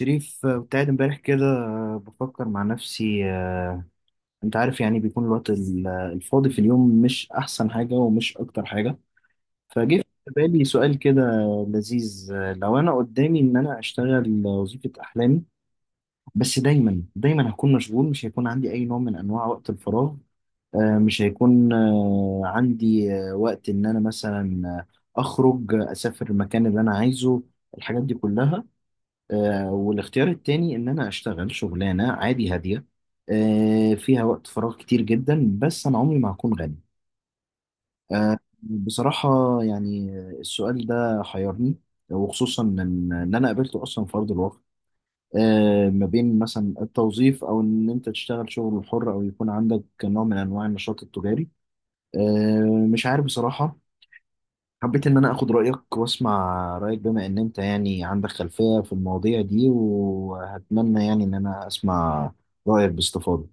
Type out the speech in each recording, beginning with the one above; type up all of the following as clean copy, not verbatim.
شريف، كنت قاعد امبارح كده، بفكر مع نفسي. انت عارف، يعني بيكون الوقت الفاضي في اليوم مش احسن حاجة ومش اكتر حاجة. فجه في بالي سؤال كده لذيذ. لو انا قدامي ان انا اشتغل وظيفة احلامي، بس دايما هكون مشغول، مش هيكون عندي اي نوع من انواع وقت الفراغ. مش هيكون عندي وقت ان انا مثلا اخرج، اسافر المكان اللي انا عايزه، الحاجات دي كلها. والاختيار التاني ان انا اشتغل شغلانه عادي هاديه، فيها وقت فراغ كتير جدا، بس انا عمري ما هكون غني. بصراحه، يعني السؤال ده حيرني، وخصوصا إن انا قابلته اصلا في ارض الواقع، ما بين مثلا التوظيف او ان انت تشتغل شغل حر او يكون عندك نوع من انواع النشاط التجاري. مش عارف بصراحه. حبيت إن أنا آخد رأيك وأسمع رأيك، بما إن أنت يعني عندك خلفية في المواضيع دي، وهتمنى يعني إن أنا أسمع رأيك باستفاضة.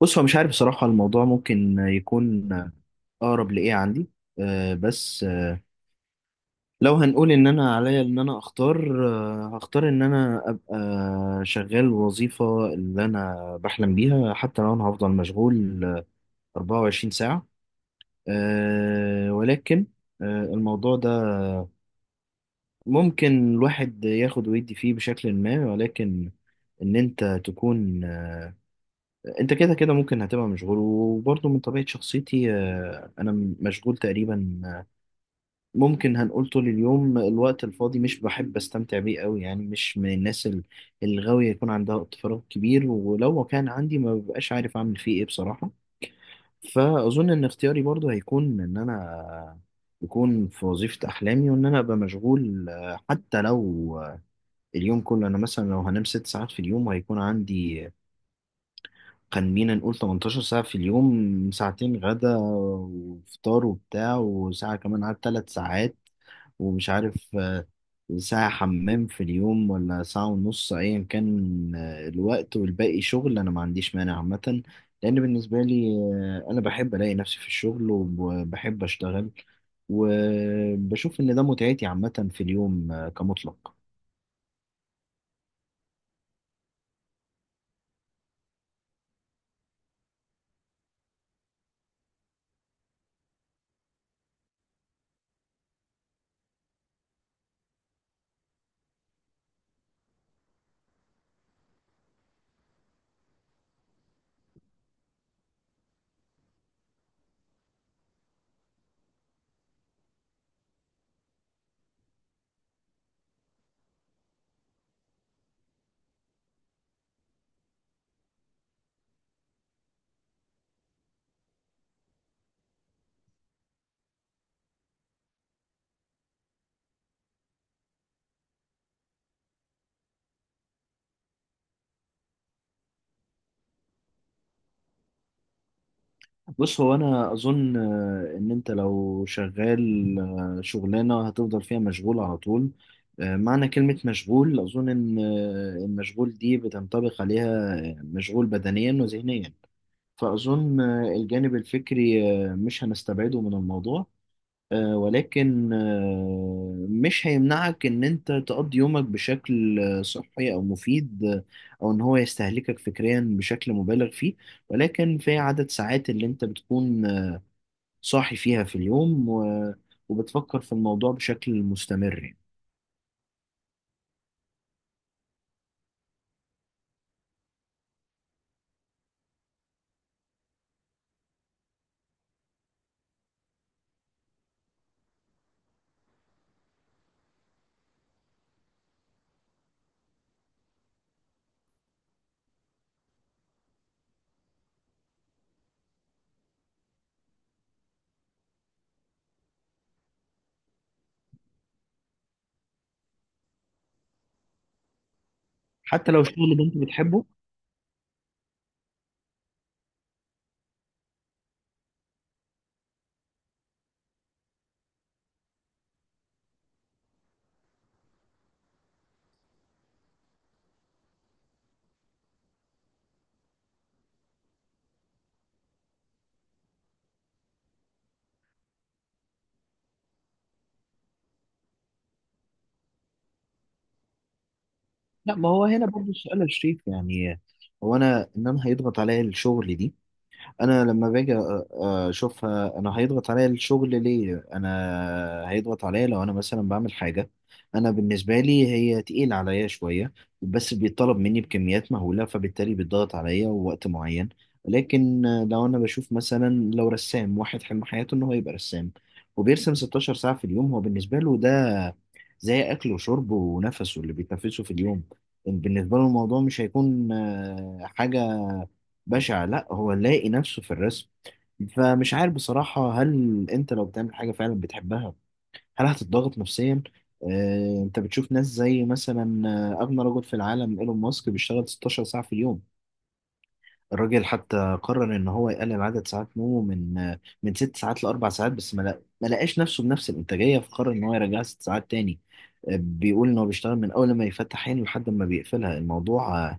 بص، هو مش عارف بصراحة الموضوع ممكن يكون أقرب لإيه عندي. بس لو هنقول إن أنا عليا إن أنا أختار، هختار إن أنا أبقى شغال وظيفة اللي أنا بحلم بيها، حتى لو أنا هفضل مشغول 24 ساعة. ولكن الموضوع ده ممكن الواحد ياخد ويدي فيه بشكل ما. ولكن ان انت تكون، انت كده كده ممكن هتبقى مشغول. وبرضه من طبيعة شخصيتي، انا مشغول تقريبا، ممكن هنقول طول اليوم. الوقت الفاضي مش بحب استمتع بيه قوي، يعني مش من الناس الغاوية يكون عندها وقت فراغ كبير، ولو كان عندي ما ببقاش عارف اعمل فيه ايه بصراحة. فاظن ان اختياري برضه هيكون ان انا آه، يكون في وظيفة أحلامي، وإن أنا أبقى مشغول. حتى لو اليوم كله انا مثلا، لو هنام ست ساعات في اليوم، هيكون عندي، خلينا نقول، 18 ساعة في اليوم، ساعتين غدا وفطار وبتاع، وساعة كمان على ثلاث ساعات، ومش عارف، ساعة حمام في اليوم ولا ساعة ونص، أيا كان الوقت، والباقي شغل. أنا ما عنديش مانع عامة، لأن بالنسبة لي، أنا بحب ألاقي نفسي في الشغل وبحب أشتغل، وبشوف إن ده متعتي عامة في اليوم، كمطلق. بص، هو انا اظن ان انت لو شغال شغلانه هتفضل فيها مشغول على طول. معنى كلمه مشغول، اظن ان المشغول دي بتنطبق عليها مشغول بدنيا وذهنيا. فاظن الجانب الفكري مش هنستبعده من الموضوع، ولكن مش هيمنعك ان انت تقضي يومك بشكل صحي او مفيد، او ان هو يستهلكك فكريا بشكل مبالغ فيه. ولكن في عدد ساعات اللي انت بتكون صاحي فيها في اليوم، وبتفكر في الموضوع بشكل مستمر يعني. حتى لو الشغل اللي انت بتحبه. لا، ما هو هنا برضه السؤال يا شريف، يعني هو انا، ان انا هيضغط عليا الشغل دي، انا لما باجي اشوفها، انا هيضغط عليا الشغل ليه؟ انا هيضغط عليا لو انا مثلا بعمل حاجه انا بالنسبه لي هي تقيل عليا شويه، بس بيطلب مني بكميات مهوله، فبالتالي بيتضغط عليا وقت معين. لكن لو انا بشوف مثلا، لو رسام واحد حلم حياته ان هو يبقى رسام، وبيرسم 16 ساعه في اليوم، هو بالنسبه له ده زي اكله وشربه ونفسه اللي بيتنفسه في اليوم. بالنسبه له الموضوع مش هيكون حاجه بشع، لا، هو لاقي نفسه في الرسم. فمش عارف بصراحة، هل انت لو بتعمل حاجة فعلا بتحبها، هل هتتضغط نفسيا؟ اه، انت بتشوف ناس زي مثلا اغنى رجل في العالم ايلون ماسك، بيشتغل 16 ساعة في اليوم. الراجل حتى قرر ان هو يقلل عدد ساعات نومه من، من ست ساعات لاربع ساعات، بس ما لقاش نفسه بنفس الانتاجية، فقرر ان هو يرجعها ست ساعات تاني. بيقول ان هو بيشتغل من اول ما يفتح عينه لحد ما بيقفلها. الموضوع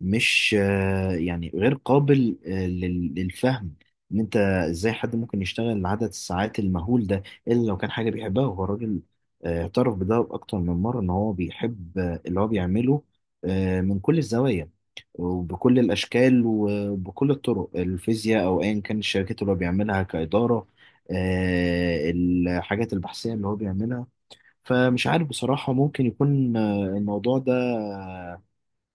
مش يعني غير قابل للفهم ان انت ازاي حد ممكن يشتغل عدد الساعات المهول ده، الا لو كان حاجه بيحبها. هو الراجل اعترف بده اكتر من مره ان هو بيحب اللي هو بيعمله من كل الزوايا وبكل الاشكال وبكل الطرق، الفيزياء او ايا كان الشركات اللي هو بيعملها كاداره، الحاجات البحثيه اللي هو بيعملها. فمش عارف بصراحه، ممكن يكون الموضوع ده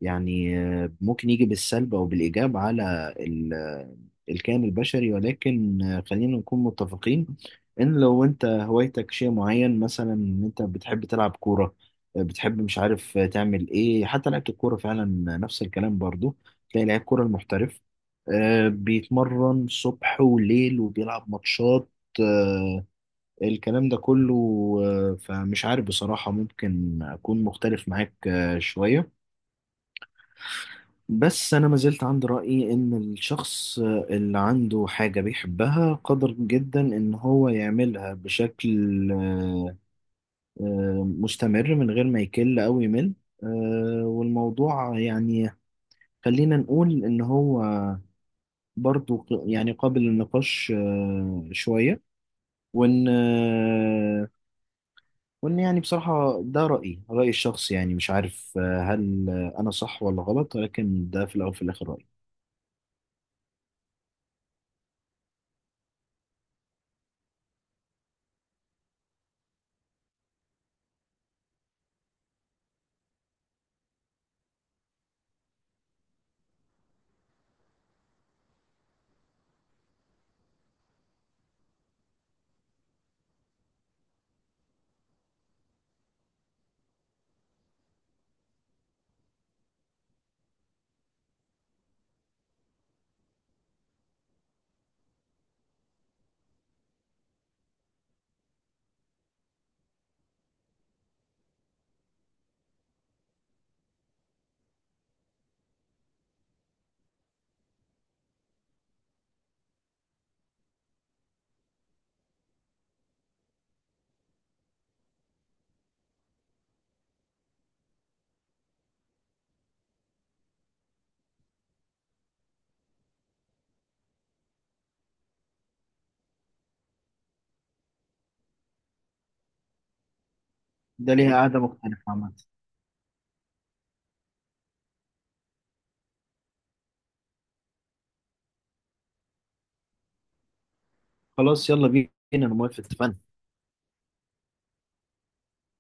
يعني ممكن يجي بالسلب أو بالإيجاب على الكائن البشري. ولكن خلينا نكون متفقين إن لو أنت هوايتك شيء معين، مثلا إن أنت بتحب تلعب كورة، بتحب مش عارف تعمل إيه حتى لعبة الكورة فعلا. نفس الكلام برضو، تلاقي لعيب كورة المحترف بيتمرن صبح وليل وبيلعب ماتشات آه، الكلام ده كله. فمش عارف بصراحة، ممكن أكون مختلف معاك شوية، بس أنا ما زلت عند رأيي إن الشخص اللي عنده حاجة بيحبها قادر جدا إن هو يعملها بشكل مستمر، من غير ما يكل أو يمل. والموضوع يعني خلينا نقول إن هو برضو يعني قابل للنقاش شوية. وإن آه، وإن يعني بصراحة ده رأيي، رأيي الشخصي يعني. مش عارف هل أنا صح ولا غلط، ولكن ده في الأول وفي الآخر رأيي. ده ليها قاعدة مختلفة عامة. خلاص، يلا بينا، انا موافق، اتفقنا.